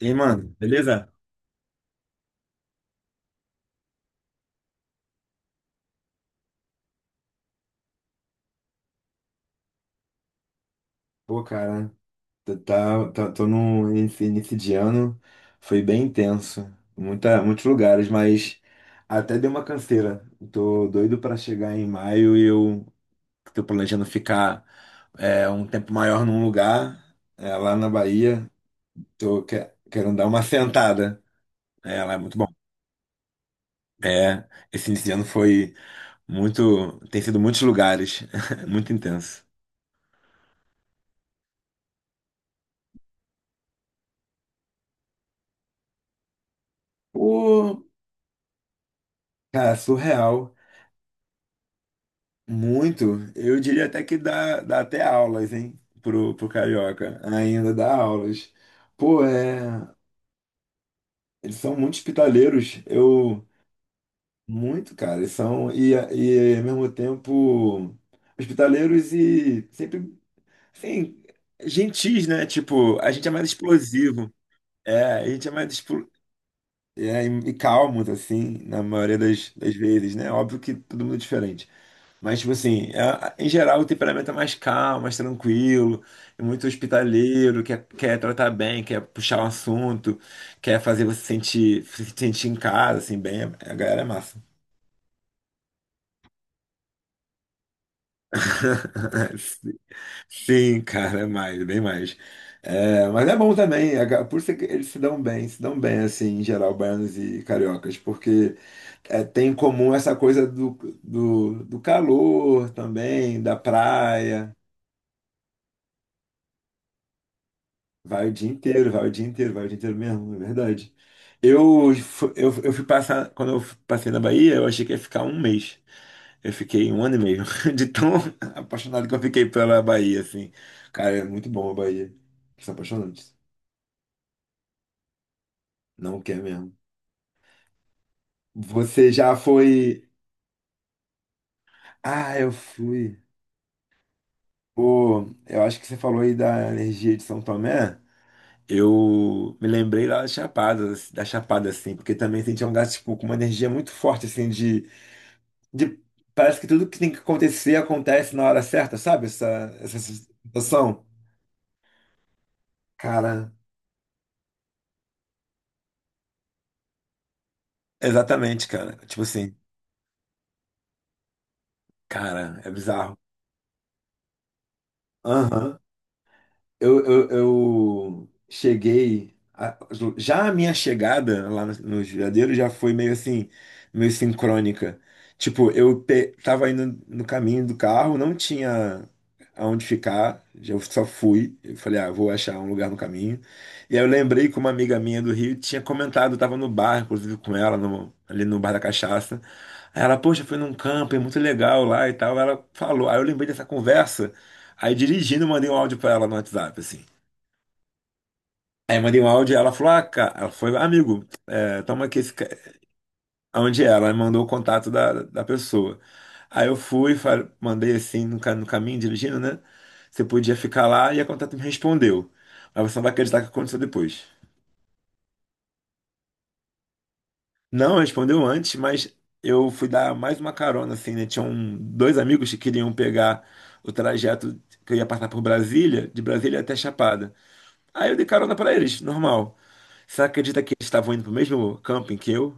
E aí, mano, beleza? Pô, cara, tô no esse início de ano, foi bem intenso, muitos lugares, mas até deu uma canseira. Tô doido pra chegar em maio e eu tô planejando ficar um tempo maior num lugar, lá na Bahia. Tô querendo dar uma sentada. É, lá é muito bom. É, esse início de ano foi tem sido muitos lugares, muito intenso. Pô, cara, surreal. Muito, eu diria até que dá até aulas, hein, pro carioca, ainda dá aulas. Pô, é, eles são muito hospitaleiros, eu, muito, cara, eles são, e ao mesmo tempo, hospitaleiros e sempre, assim, gentis, né, tipo, a gente é mais explosivo, é, a gente é mais, e calmos, assim, na maioria das vezes, né, óbvio que todo mundo é diferente. Mas, tipo assim, em geral o temperamento é mais calmo, mais tranquilo, é muito hospitaleiro, quer tratar bem, quer puxar o assunto, quer fazer você se sentir em casa, assim, bem. A galera é massa. Sim, cara, é mais, bem mais. É, mas é bom também, por isso que eles se dão bem, assim, em geral, baianos e cariocas, porque tem em comum essa coisa do, do calor também, da praia. Vai o dia inteiro, vai o dia inteiro, vai o dia inteiro mesmo, é verdade. Eu fui passar, quando passei na Bahia, eu achei que ia ficar um mês. Eu fiquei um ano e meio, de tão apaixonado que eu fiquei pela Bahia, assim. Cara, é muito bom a Bahia. São apaixonantes. Não quer mesmo. Você já foi. Ah, eu fui. Pô, eu acho que você falou aí da energia de São Tomé. Eu me lembrei lá da Chapada, assim, porque também sentia um lugar, tipo, com uma energia muito forte, assim, de- parece que tudo que tem que acontecer acontece na hora certa, sabe? Essa sensação. Cara, exatamente, cara. Tipo assim, cara, é bizarro. Aham. Eu cheguei. Já a minha chegada lá no Judiadeiro já foi meio assim, meio sincrônica. Tipo, eu pe tava indo no caminho do carro, não tinha aonde ficar, já eu só fui. Eu falei, ah, vou achar um lugar no caminho. E aí eu lembrei que uma amiga minha do Rio tinha comentado, eu tava no bar, inclusive com ela, ali no bar da cachaça. Aí ela, poxa, foi num camping muito legal lá e tal. Ela falou, aí eu lembrei dessa conversa. Aí dirigindo, mandei um áudio pra ela no WhatsApp, assim. Aí mandei um áudio e ela falou, ah, cara, ela foi, amigo, toma aqui. Onde é? Ela me mandou o contato da pessoa. Aí mandei assim no caminho, dirigindo, né? Você podia ficar lá e a contato me respondeu. Mas você não vai acreditar o que aconteceu depois. Não, respondeu antes, mas eu fui dar mais uma carona, assim, né? Tinha um dois amigos que queriam pegar o trajeto que eu ia passar por Brasília, de Brasília até Chapada. Aí eu dei carona pra eles, normal. Você acredita que eles estavam indo pro mesmo camping que eu?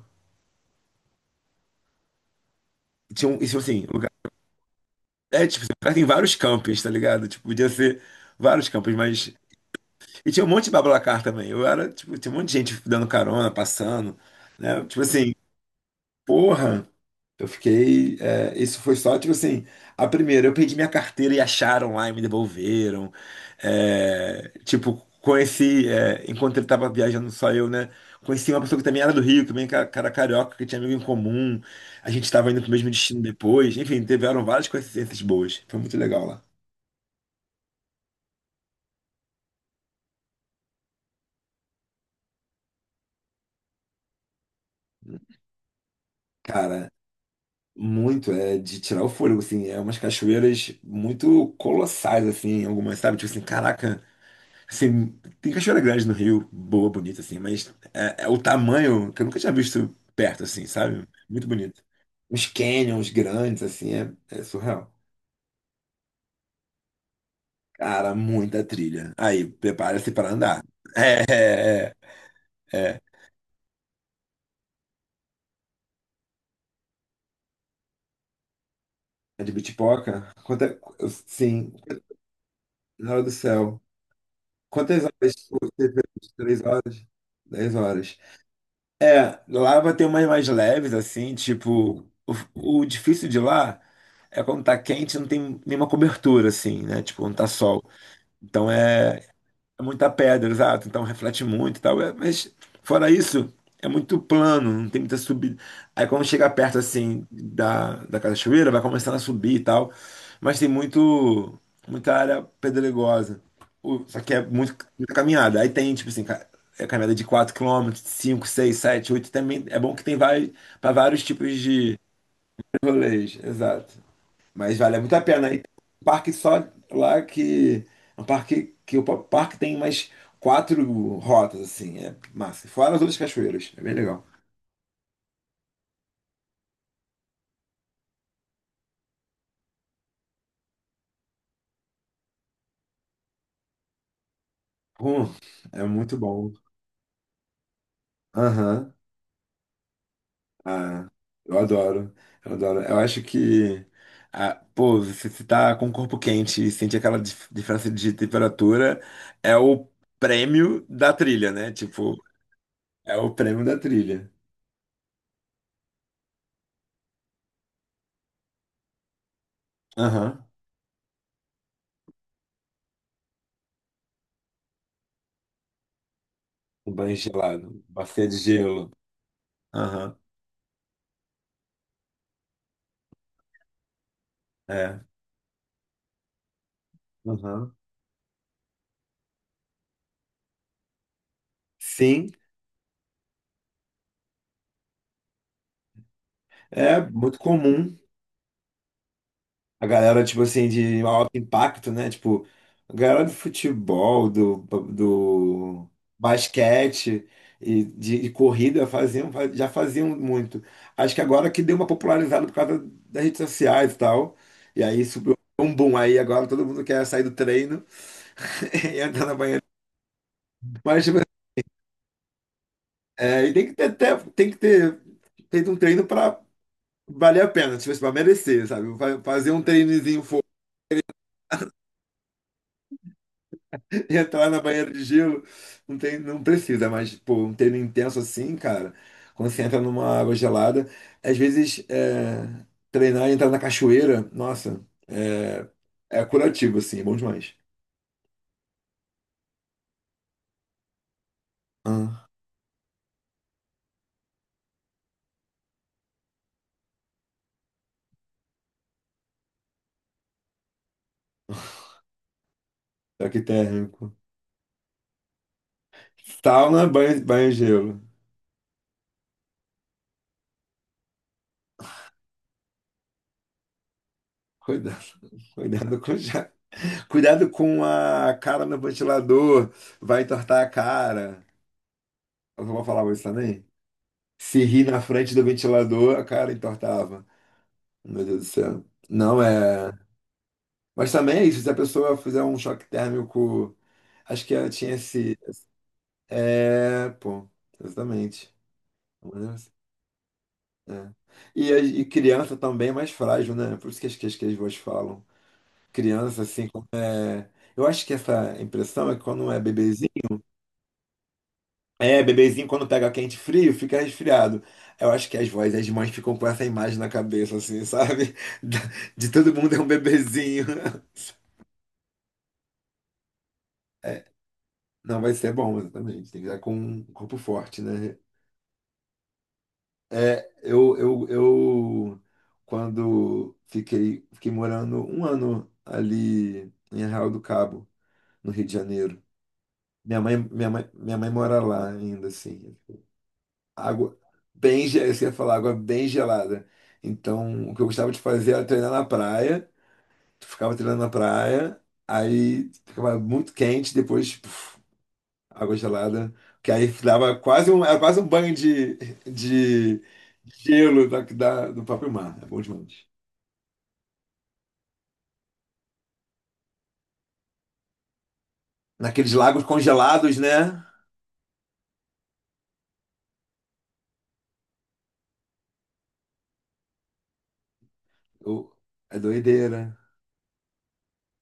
E tinha um, e, tipo assim, lugar, tipo, esse lugar tem vários campings, tá ligado? Tipo, podia ser vários campings, mas. E tinha um monte de Bablacar também. Eu era, tipo, tinha um monte de gente dando carona, passando, né? Tipo assim, porra. Eu fiquei. Isso foi só, tipo assim, a primeira, eu perdi minha carteira e acharam lá e me devolveram. É, tipo, conheci, enquanto ele tava viajando, só eu, né? Conheci uma pessoa que também era do Rio, também cara carioca, que tinha amigo em comum. A gente tava indo pro mesmo destino depois. Enfim, tiveram várias coincidências boas. Foi muito legal lá. Cara, muito, é de tirar o fôlego, assim. É umas cachoeiras muito colossais, assim, algumas, sabe? Tipo assim, caraca. Assim, tem cachoeira grande no Rio, boa, bonita, assim, mas é o tamanho que eu nunca tinha visto perto, assim, sabe? Muito bonito. Uns canyons grandes, assim, é surreal. Cara, muita trilha. Aí, prepara-se para andar. É, é. É. É De Bitipoca? Quanta, sim, na hora do céu. Quantas horas? Você fez? 3 horas? 10 horas. É, lá vai ter umas mais leves, assim, tipo, o, o difícil de lá é quando tá quente e não tem nenhuma cobertura, assim, né? Tipo, não tá sol. Então é muita pedra, exato. Então reflete muito e tal. Mas fora isso, é muito plano, não tem muita subida. Aí quando chega perto assim da cachoeira, vai começando a subir e tal. Mas tem muito muita área pedregosa. Só que é muita caminhada. Aí tem, tipo assim, é caminhada de 4 quilômetros, 5, 6, 7, 8 também. É bom que tem vai para vários tipos de rolês, exato. Mas vale muito a pena. Aí tem um parque só lá que. É um parque que o parque tem mais quatro rotas, assim. É massa. Fora as outras cachoeiras. É bem legal. Hum, é muito bom. Aham. Ah, eu adoro. Eu adoro. Eu acho que. Ah, pô, se você tá com o corpo quente e sente aquela diferença de temperatura, é o prêmio da trilha, né? Tipo, é o prêmio da trilha. Aham. O banho gelado. Bacia de gelo. Aham. É. Aham. Sim, é muito comum a galera, tipo assim, de alto impacto, né? Tipo, a galera do futebol, do basquete e de corrida já faziam muito. Acho que agora que deu uma popularizada por causa das redes sociais e tal. E aí subiu um boom. Aí agora todo mundo quer sair do treino e entrar na banheira. Mas, tipo, e tem que ter feito um treino pra valer a pena, tipo assim, pra merecer, sabe? Fazer um treinozinho e entrar na banheira de gelo não tem, não precisa, mas pô, um treino intenso assim, cara, quando você entra numa água gelada, às vezes treinar e entrar na cachoeira, nossa, é curativo assim, é bom demais. Ah, toque térmico. Sauna, banho de gelo. Cuidado, cuidado com, já- cuidado com a cara no ventilador, vai entortar a cara. Eu não vou falar isso também. Se rir na frente do ventilador, a cara entortava. Meu Deus do céu. Não é. Mas também é isso, se a pessoa fizer um choque térmico. Acho que ela tinha esse. É, pô, exatamente. É. E criança também é mais frágil, né? Por isso que as vozes falam. Criança, assim. Eu acho que essa impressão é que quando é bebezinho. É, bebezinho, quando pega quente e frio, fica resfriado. Eu acho que as vozes, as mães ficam com essa imagem na cabeça, assim, sabe? De todo mundo é um bebezinho. Não vai ser bom, exatamente. Tem que estar com um corpo forte, né? É, eu quando fiquei, morando um ano ali em Arraial do Cabo, no Rio de Janeiro. Minha mãe mora lá ainda, assim. Água isso que eu ia falar, água bem gelada. Então, o que eu gostava de fazer era treinar na praia. Ficava treinando na praia, aí ficava muito quente, depois. Água gelada, que aí dava era quase um banho de gelo do próprio mar. É bom demais. Naqueles lagos congelados, né? O- É doideira.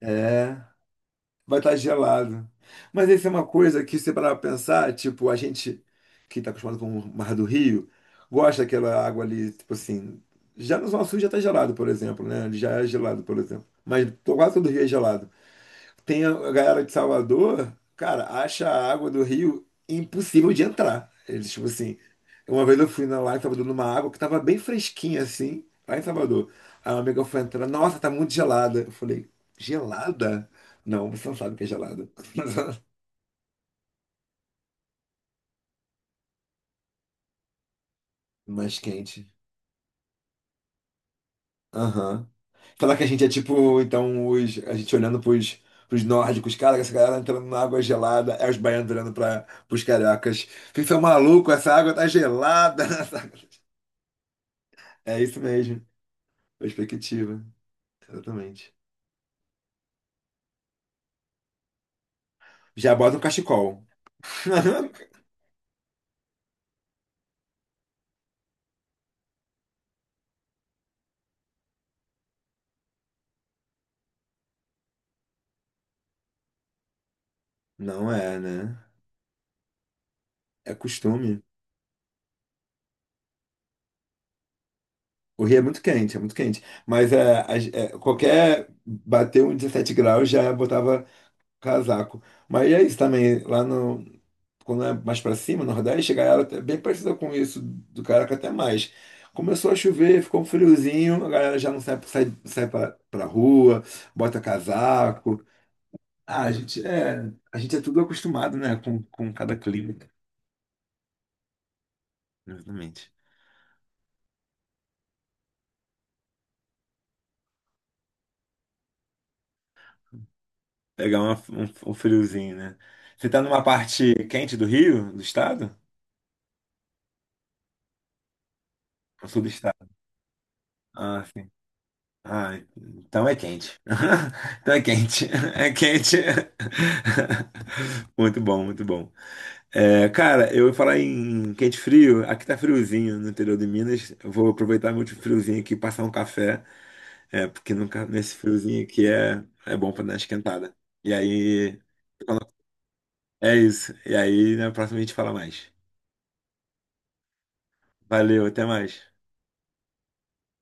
É, vai estar gelado. Mas isso é uma coisa que, se você parar pra pensar, tipo, a gente que está acostumado com o Mar do Rio, gosta daquela água ali, tipo assim. Já no Zona Sul já está gelado, por exemplo, né? Já é gelado, por exemplo. Mas quase todo o Rio é gelado. Tem a galera de Salvador, cara, acha a água do rio impossível de entrar. Eles, tipo assim, uma vez eu fui lá em Salvador numa água que tava bem fresquinha assim, lá em Salvador. A minha amiga foi entrar, nossa, tá muito gelada. Eu falei, gelada? Não, você não sabe o que é gelada. Mais quente. Aham. Falar que a gente é tipo, então, a gente olhando pros nórdicos, cara, essa galera entrando na água gelada, é os baianos olhando para pros cariocas. Vocês são malucos, essa água tá gelada. É isso mesmo. Perspectiva, exatamente. Já bota um cachecol. Não é, né? É costume. O Rio é muito quente, é muito quente. Mas qualquer bater um 17 graus já botava casaco. Mas é isso também, lá no. Quando é mais pra cima, no Nordeste, a galera é bem parecida com isso, do Caraca até mais. Começou a chover, ficou um friozinho, a galera já não sai, sai, sai pra rua, bota casaco. Ah, a gente é tudo acostumado, né, com cada clima. Exatamente. Pegar um friozinho, né? Você tá numa parte quente do Rio, do estado? No sul do estado. Ah, sim. Ah, então é quente. Então é quente. É quente. Muito bom, muito bom. É, cara, eu ia falar em quente e frio. Aqui tá friozinho no interior de Minas. Eu vou aproveitar muito o friozinho aqui e passar um café. É, porque nunca, nesse friozinho aqui é bom pra dar uma esquentada. E aí, é isso. E aí, na próxima a gente fala mais. Valeu, até mais.